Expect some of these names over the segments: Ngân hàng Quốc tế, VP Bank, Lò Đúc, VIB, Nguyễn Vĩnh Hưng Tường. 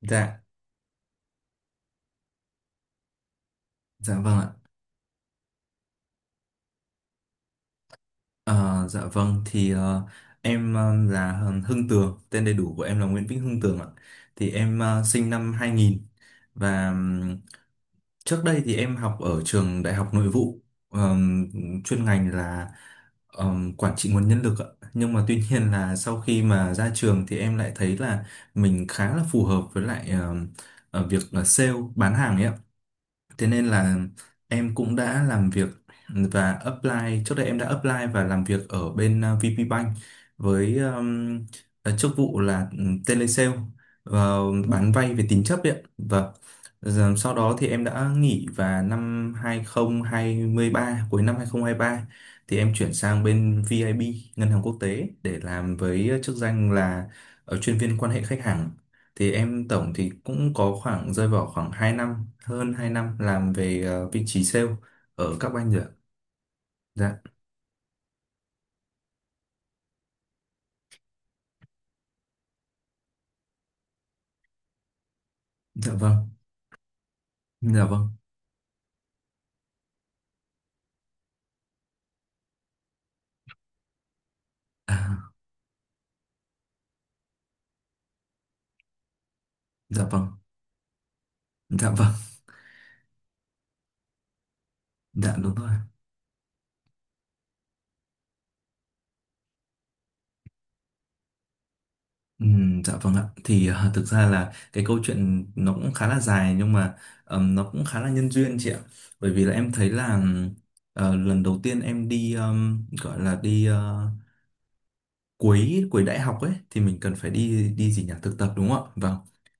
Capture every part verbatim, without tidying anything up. Dạ, dạ vâng ạ. Ờ, dạ vâng thì ờ, em ờ, là Hưng Tường, tên đầy đủ của em là Nguyễn Vĩnh Hưng Tường ạ. Thì em ờ, sinh năm hai nghìn và ừm, trước đây thì em học ở trường Đại học Nội vụ, ờm, chuyên ngành là ờm, quản trị nguồn nhân lực ạ. Nhưng mà tuy nhiên là sau khi mà ra trường thì em lại thấy là mình khá là phù hợp với lại ờm, ờ, việc là sale bán hàng ấy ạ. Thế nên là em cũng đã làm việc và apply, trước đây em đã apply và làm việc ở bên à, vi pi Bank với um, à, chức vụ là um, telesale và bán vay về tín chấp ấy. Và sau đó thì em đã nghỉ và năm hai không hai ba, cuối năm hai không hai ba thì em chuyển sang bên vê i bê, Ngân hàng Quốc tế để làm với chức danh là ờ, chuyên viên quan hệ khách hàng. Thì em tổng thì cũng có khoảng rơi vào khoảng hai năm, hơn hai năm làm về ờ, vị trí sale ở các banh rồi ạ. Dạ. Dạ vâng. Dạ vâng, à, dạ vâng. Dạ vâng. Dạ đúng rồi. Ừm, dạ vâng ạ thì ờ, thực ra là cái câu chuyện nó cũng khá là dài nhưng mà ờm, nó cũng khá là nhân duyên chị ạ, bởi vì là em thấy là ừm, ờ, lần đầu tiên em đi ờm, gọi là đi ờ, cuối cuối đại học ấy thì mình cần phải đi đi gì nhỉ, thực tập đúng không ạ? Vâng,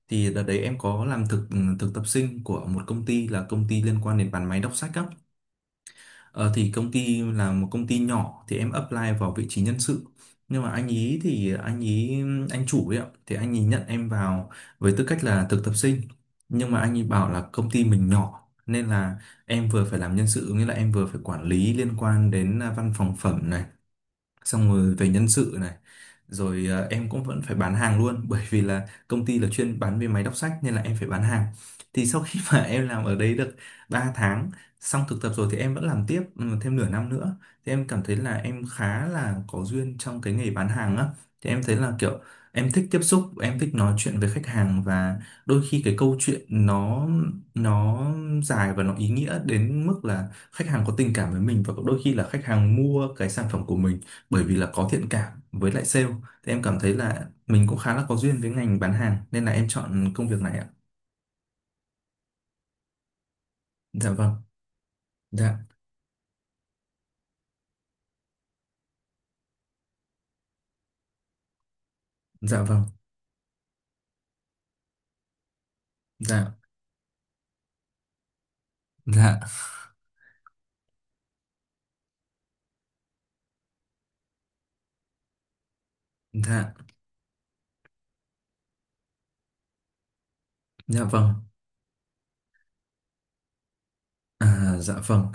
thì đợt đấy em có làm thực ừ, thực tập sinh của một công ty là công ty liên quan đến bán máy đọc sách á. ờ, thì công ty là một công ty nhỏ thì em apply vào vị trí nhân sự, nhưng mà anh ý thì anh ý anh chủ ấy ạ, thì anh ý nhận em vào với tư cách là thực tập sinh, nhưng mà anh ý bảo là công ty mình nhỏ nên là em vừa phải làm nhân sự, nghĩa là em vừa phải quản lý liên quan đến à, văn phòng phẩm này, xong rồi về nhân sự này, rồi ờ, em cũng vẫn phải bán hàng luôn bởi vì là công ty là chuyên bán về máy đọc sách nên là em phải bán hàng. Thì sau khi mà em làm ở đấy được ba tháng, xong thực tập rồi thì em vẫn làm tiếp ừ, thêm nửa năm nữa, thì em cảm thấy là em khá là có duyên trong cái nghề bán hàng á. Thì em thấy là kiểu em thích tiếp xúc, em thích nói chuyện với khách hàng, và đôi khi cái câu chuyện nó nó dài và nó ý nghĩa đến mức là khách hàng có tình cảm với mình, và đôi khi là khách hàng mua cái sản phẩm của mình bởi vì là có thiện cảm với lại sale. Thì em cảm thấy là mình cũng khá là có duyên với ngành bán hàng nên là em chọn công việc này ạ. Dạ vâng. Dạ. Dạ vâng. Dạ. Dạ. Dạ. Dạ vâng. À, dạ vâng.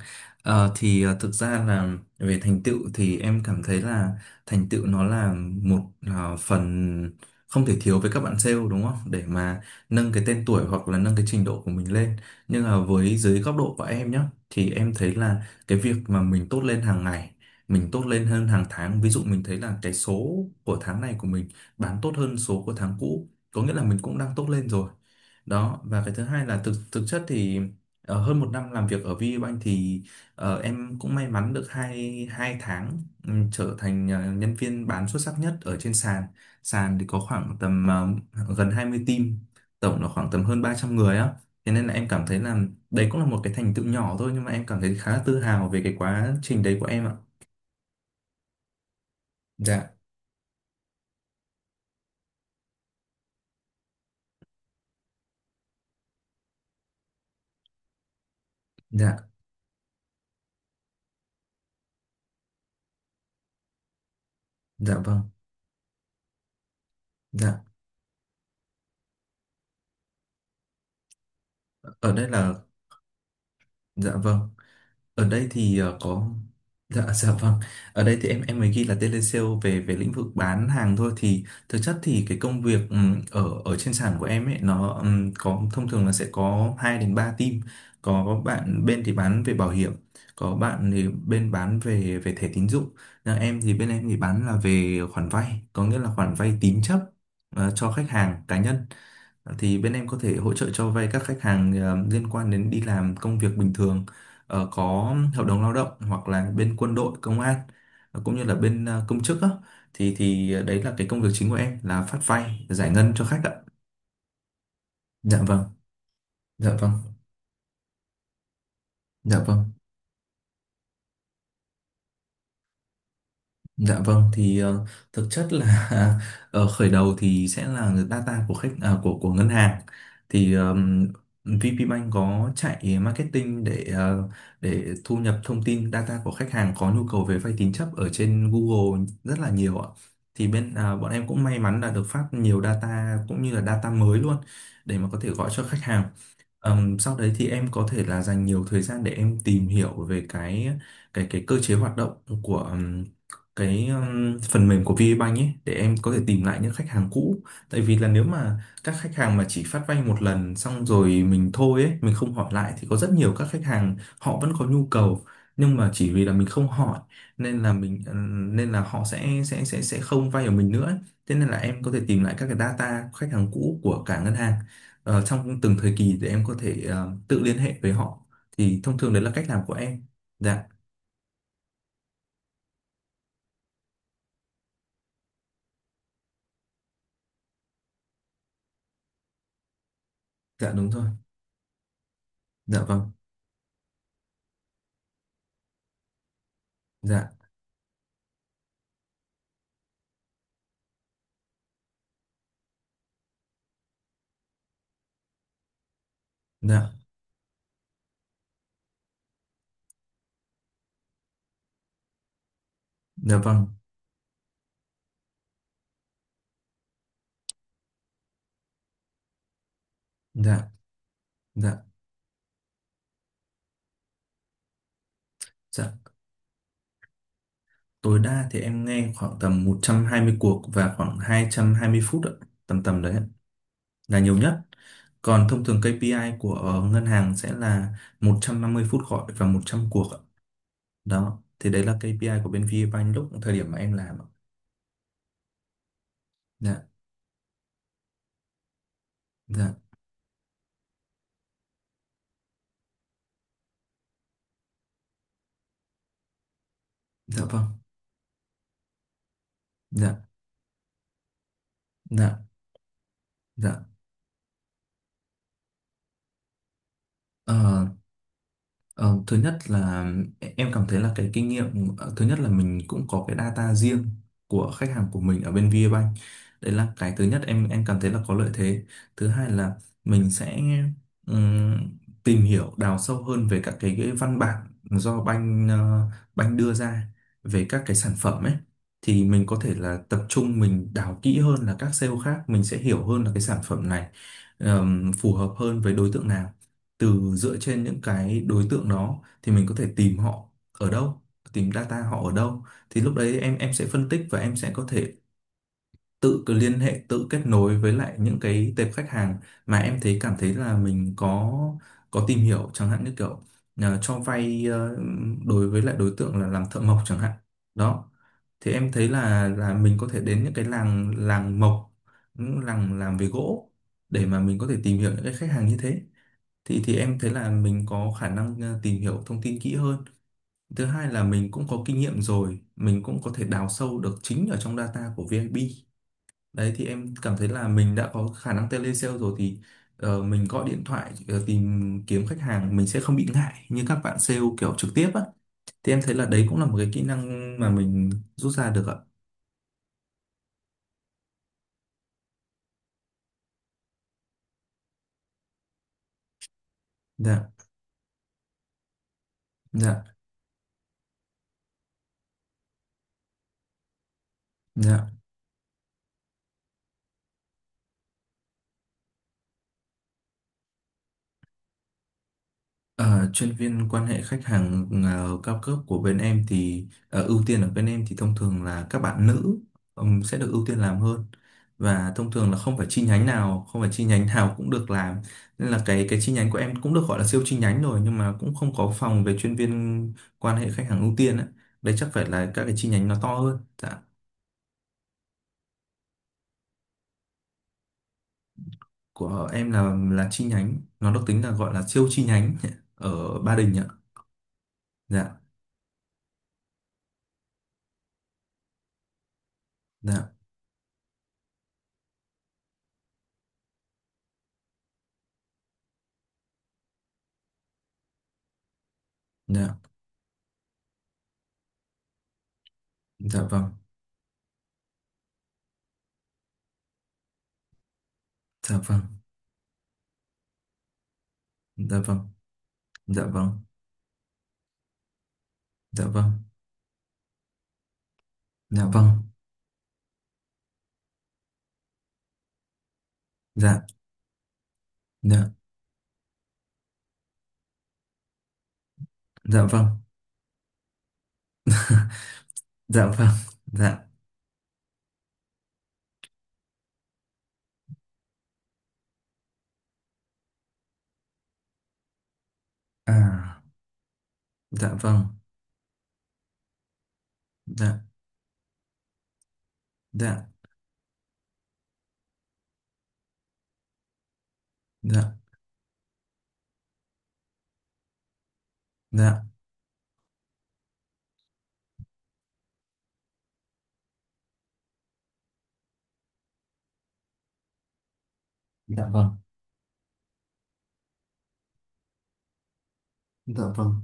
Ờ, thì ờ, thực ra là về thành tựu thì em cảm thấy là thành tựu nó là một ờ, phần không thể thiếu với các bạn sale, đúng không? Để mà nâng cái tên tuổi hoặc là nâng cái trình độ của mình lên. Nhưng mà với dưới góc độ của em nhé, thì em thấy là cái việc mà mình tốt lên hàng ngày, mình tốt lên hơn hàng tháng. Ví dụ mình thấy là cái số của tháng này của mình bán tốt hơn số của tháng cũ, có nghĩa là mình cũng đang tốt lên rồi. Đó, và cái thứ hai là thực thực chất thì Ờ, hơn một năm làm việc ở VPBank thì ờ, em cũng may mắn được hai, hai tháng ừ, trở thành ờ, nhân viên bán xuất sắc nhất ở trên sàn. Sàn thì có khoảng tầm ờ, gần hai mươi team, tổng là khoảng tầm hơn ba trăm người á. Thế nên là em cảm thấy là đấy cũng là một cái thành tựu nhỏ thôi, nhưng mà em cảm thấy khá là tự hào về cái quá trình đấy của em ạ. Dạ. Dạ. Dạ vâng. Dạ. Ở đây là. Dạ vâng. Ở đây thì ờ, có. Dạ. Dạ vâng. Ở đây thì em em mới ghi là telesale về về lĩnh vực bán hàng thôi, thì thực chất thì cái công việc ừm, ở ở trên sàn của em ấy nó ừm, có, thông thường là sẽ có hai đến ba team. có, có bạn bên thì bán về bảo hiểm, có bạn thì bên bán về về thẻ tín dụng. Nhà em thì bên em thì bán là về khoản vay, có nghĩa là khoản vay tín chấp ờ, cho khách hàng cá nhân. Thì bên em có thể hỗ trợ cho vay các khách hàng ờ, liên quan đến đi làm công việc bình thường, ờ, có hợp đồng lao động, hoặc là bên quân đội công an, ờ, cũng như là bên ờ, công chức á. thì thì đấy là cái công việc chính của em là phát vay giải ngân cho khách ạ. Dạ vâng. Dạ vâng. Dạ vâng. Dạ vâng thì ờ, thực chất là ở khởi đầu thì sẽ là data của khách, à, của của ngân hàng, thì um, vi pi Bank có chạy marketing để ờ, để thu nhập thông tin data của khách hàng có nhu cầu về vay tín chấp ở trên Google rất là nhiều ạ. Thì bên à, bọn em cũng may mắn là được phát nhiều data cũng như là data mới luôn để mà có thể gọi cho khách hàng. Ờm, sau đấy thì em có thể là dành nhiều thời gian để em tìm hiểu về cái cái cái cơ chế hoạt động của cái um, phần mềm của VPBank ấy để em có thể tìm lại những khách hàng cũ, tại vì là nếu mà các khách hàng mà chỉ phát vay một lần xong rồi mình thôi ấy, mình không hỏi lại thì có rất nhiều các khách hàng họ vẫn có nhu cầu, nhưng mà chỉ vì là mình không hỏi nên là mình ừ, nên là họ sẽ sẽ sẽ sẽ không vay ở mình nữa ấy. Thế nên là em có thể tìm lại các cái data khách hàng cũ của cả ngân hàng ờ, trong từng thời kỳ để em có thể ờ, tự liên hệ với họ, thì thông thường đấy là cách làm của em. Dạ. Dạ đúng rồi. Dạ vâng. Dạ. Dạ. Dạ vâng. Dạ. Dạ. Dạ. Tối đa thì em nghe khoảng tầm một trăm hai mươi cuộc và khoảng hai hai trăm hai mươi phút ạ, tầm tầm đấy ạ, là nhiều nhất. Còn thông thường ke pi ai của ờ, ngân hàng sẽ là một trăm năm mươi phút gọi và một trăm cuộc ạ. Đó, thì đấy là ke pi ai của bên VPBank lúc thời điểm mà em làm ạ. Dạ. Dạ. Dạ vâng. Dạ. Dạ. Dạ. Ờ, Ờ, thứ nhất là e, em cảm thấy là cái kinh nghiệm, ờ, thứ nhất là mình cũng có cái data riêng của khách hàng của mình ở bên VPBank, đấy là cái thứ nhất em em cảm thấy là có lợi thế. Thứ hai là mình sẽ ừm, tìm hiểu đào sâu hơn về các cái, cái văn bản do banh ờ, banh đưa ra về các cái sản phẩm ấy, thì mình có thể là tập trung mình đào kỹ hơn là các sale khác, mình sẽ hiểu hơn là cái sản phẩm này ờm, phù hợp hơn với đối tượng nào. Từ dựa trên những cái đối tượng đó thì mình có thể tìm họ ở đâu, tìm data họ ở đâu. Thì lúc đấy em em sẽ phân tích và em sẽ có thể tự cứ liên hệ tự kết nối với lại những cái tệp khách hàng mà em thấy cảm thấy là mình có có tìm hiểu, chẳng hạn như kiểu à, cho vay ờ, đối với lại đối tượng là làm thợ mộc chẳng hạn. Đó, thì em thấy là là mình có thể đến những cái làng làng mộc, những làng làm về gỗ để mà mình có thể tìm hiểu những cái khách hàng như thế. thì thì em thấy là mình có khả năng ờ, tìm hiểu thông tin kỹ hơn. Thứ hai là mình cũng có kinh nghiệm rồi, mình cũng có thể đào sâu được chính ở trong data của víp. Đấy thì em cảm thấy là mình đã có khả năng telesale rồi thì ờ, mình gọi điện thoại ờ, tìm kiếm khách hàng mình sẽ không bị ngại như các bạn sale kiểu trực tiếp á. Thì em thấy là đấy cũng là một cái kỹ năng mà mình rút ra được ạ. Dạ. Dạ. Dạ. Ờ, chuyên viên quan hệ khách hàng ờ, cao cấp của bên em thì ờ, ưu tiên ở bên em thì thông thường là các bạn nữ ừm, sẽ được ưu tiên làm hơn, và thông thường là không phải chi nhánh nào không phải chi nhánh nào cũng được làm, nên là cái cái chi nhánh của em cũng được gọi là siêu chi nhánh rồi, nhưng mà cũng không có phòng về chuyên viên quan hệ khách hàng ưu tiên ấy. Đây chắc phải là các cái chi nhánh nó to hơn. Dạ. Của em là là chi nhánh, nó được tính là gọi là siêu chi nhánh ở Ba Đình ạ. Dạ. Dạ. Dạ. Dạ vâng. Dạ vâng. Dạ vâng. Dạ vâng. Dạ vâng. Dạ vâng. Dạ. Dạ. Dạ vâng. Dạ vâng. Dạ. À, dạ vâng. Dạ. Dạ. Dạ. Dạ. Dạ vâng. Dạ vâng.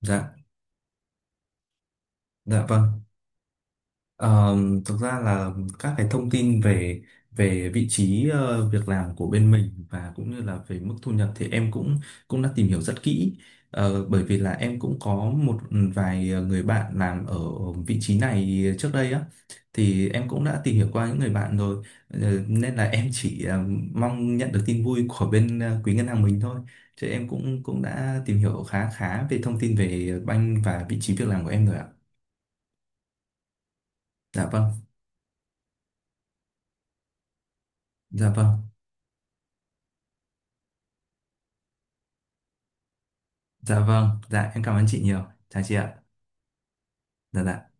Dạ vâng, dạ vâng. Ờ, thực ra là các cái thông tin về về vị trí ờ, việc làm của bên mình và cũng như là về mức thu nhập thì em cũng cũng đã tìm hiểu rất kỹ. Ờ, bởi vì là em cũng có một vài người bạn làm ở vị trí này trước đây á, thì em cũng đã tìm hiểu qua những người bạn rồi. Ờ, nên là em chỉ ờ, mong nhận được tin vui của bên ờ, quý ngân hàng mình thôi, chứ em cũng cũng đã tìm hiểu khá khá về thông tin về banh và vị trí việc làm của em rồi ạ. Dạ vâng, dạ vâng. Dạ vâng, dạ em cảm ơn chị nhiều. Chào chị ạ. Dạ, dạ.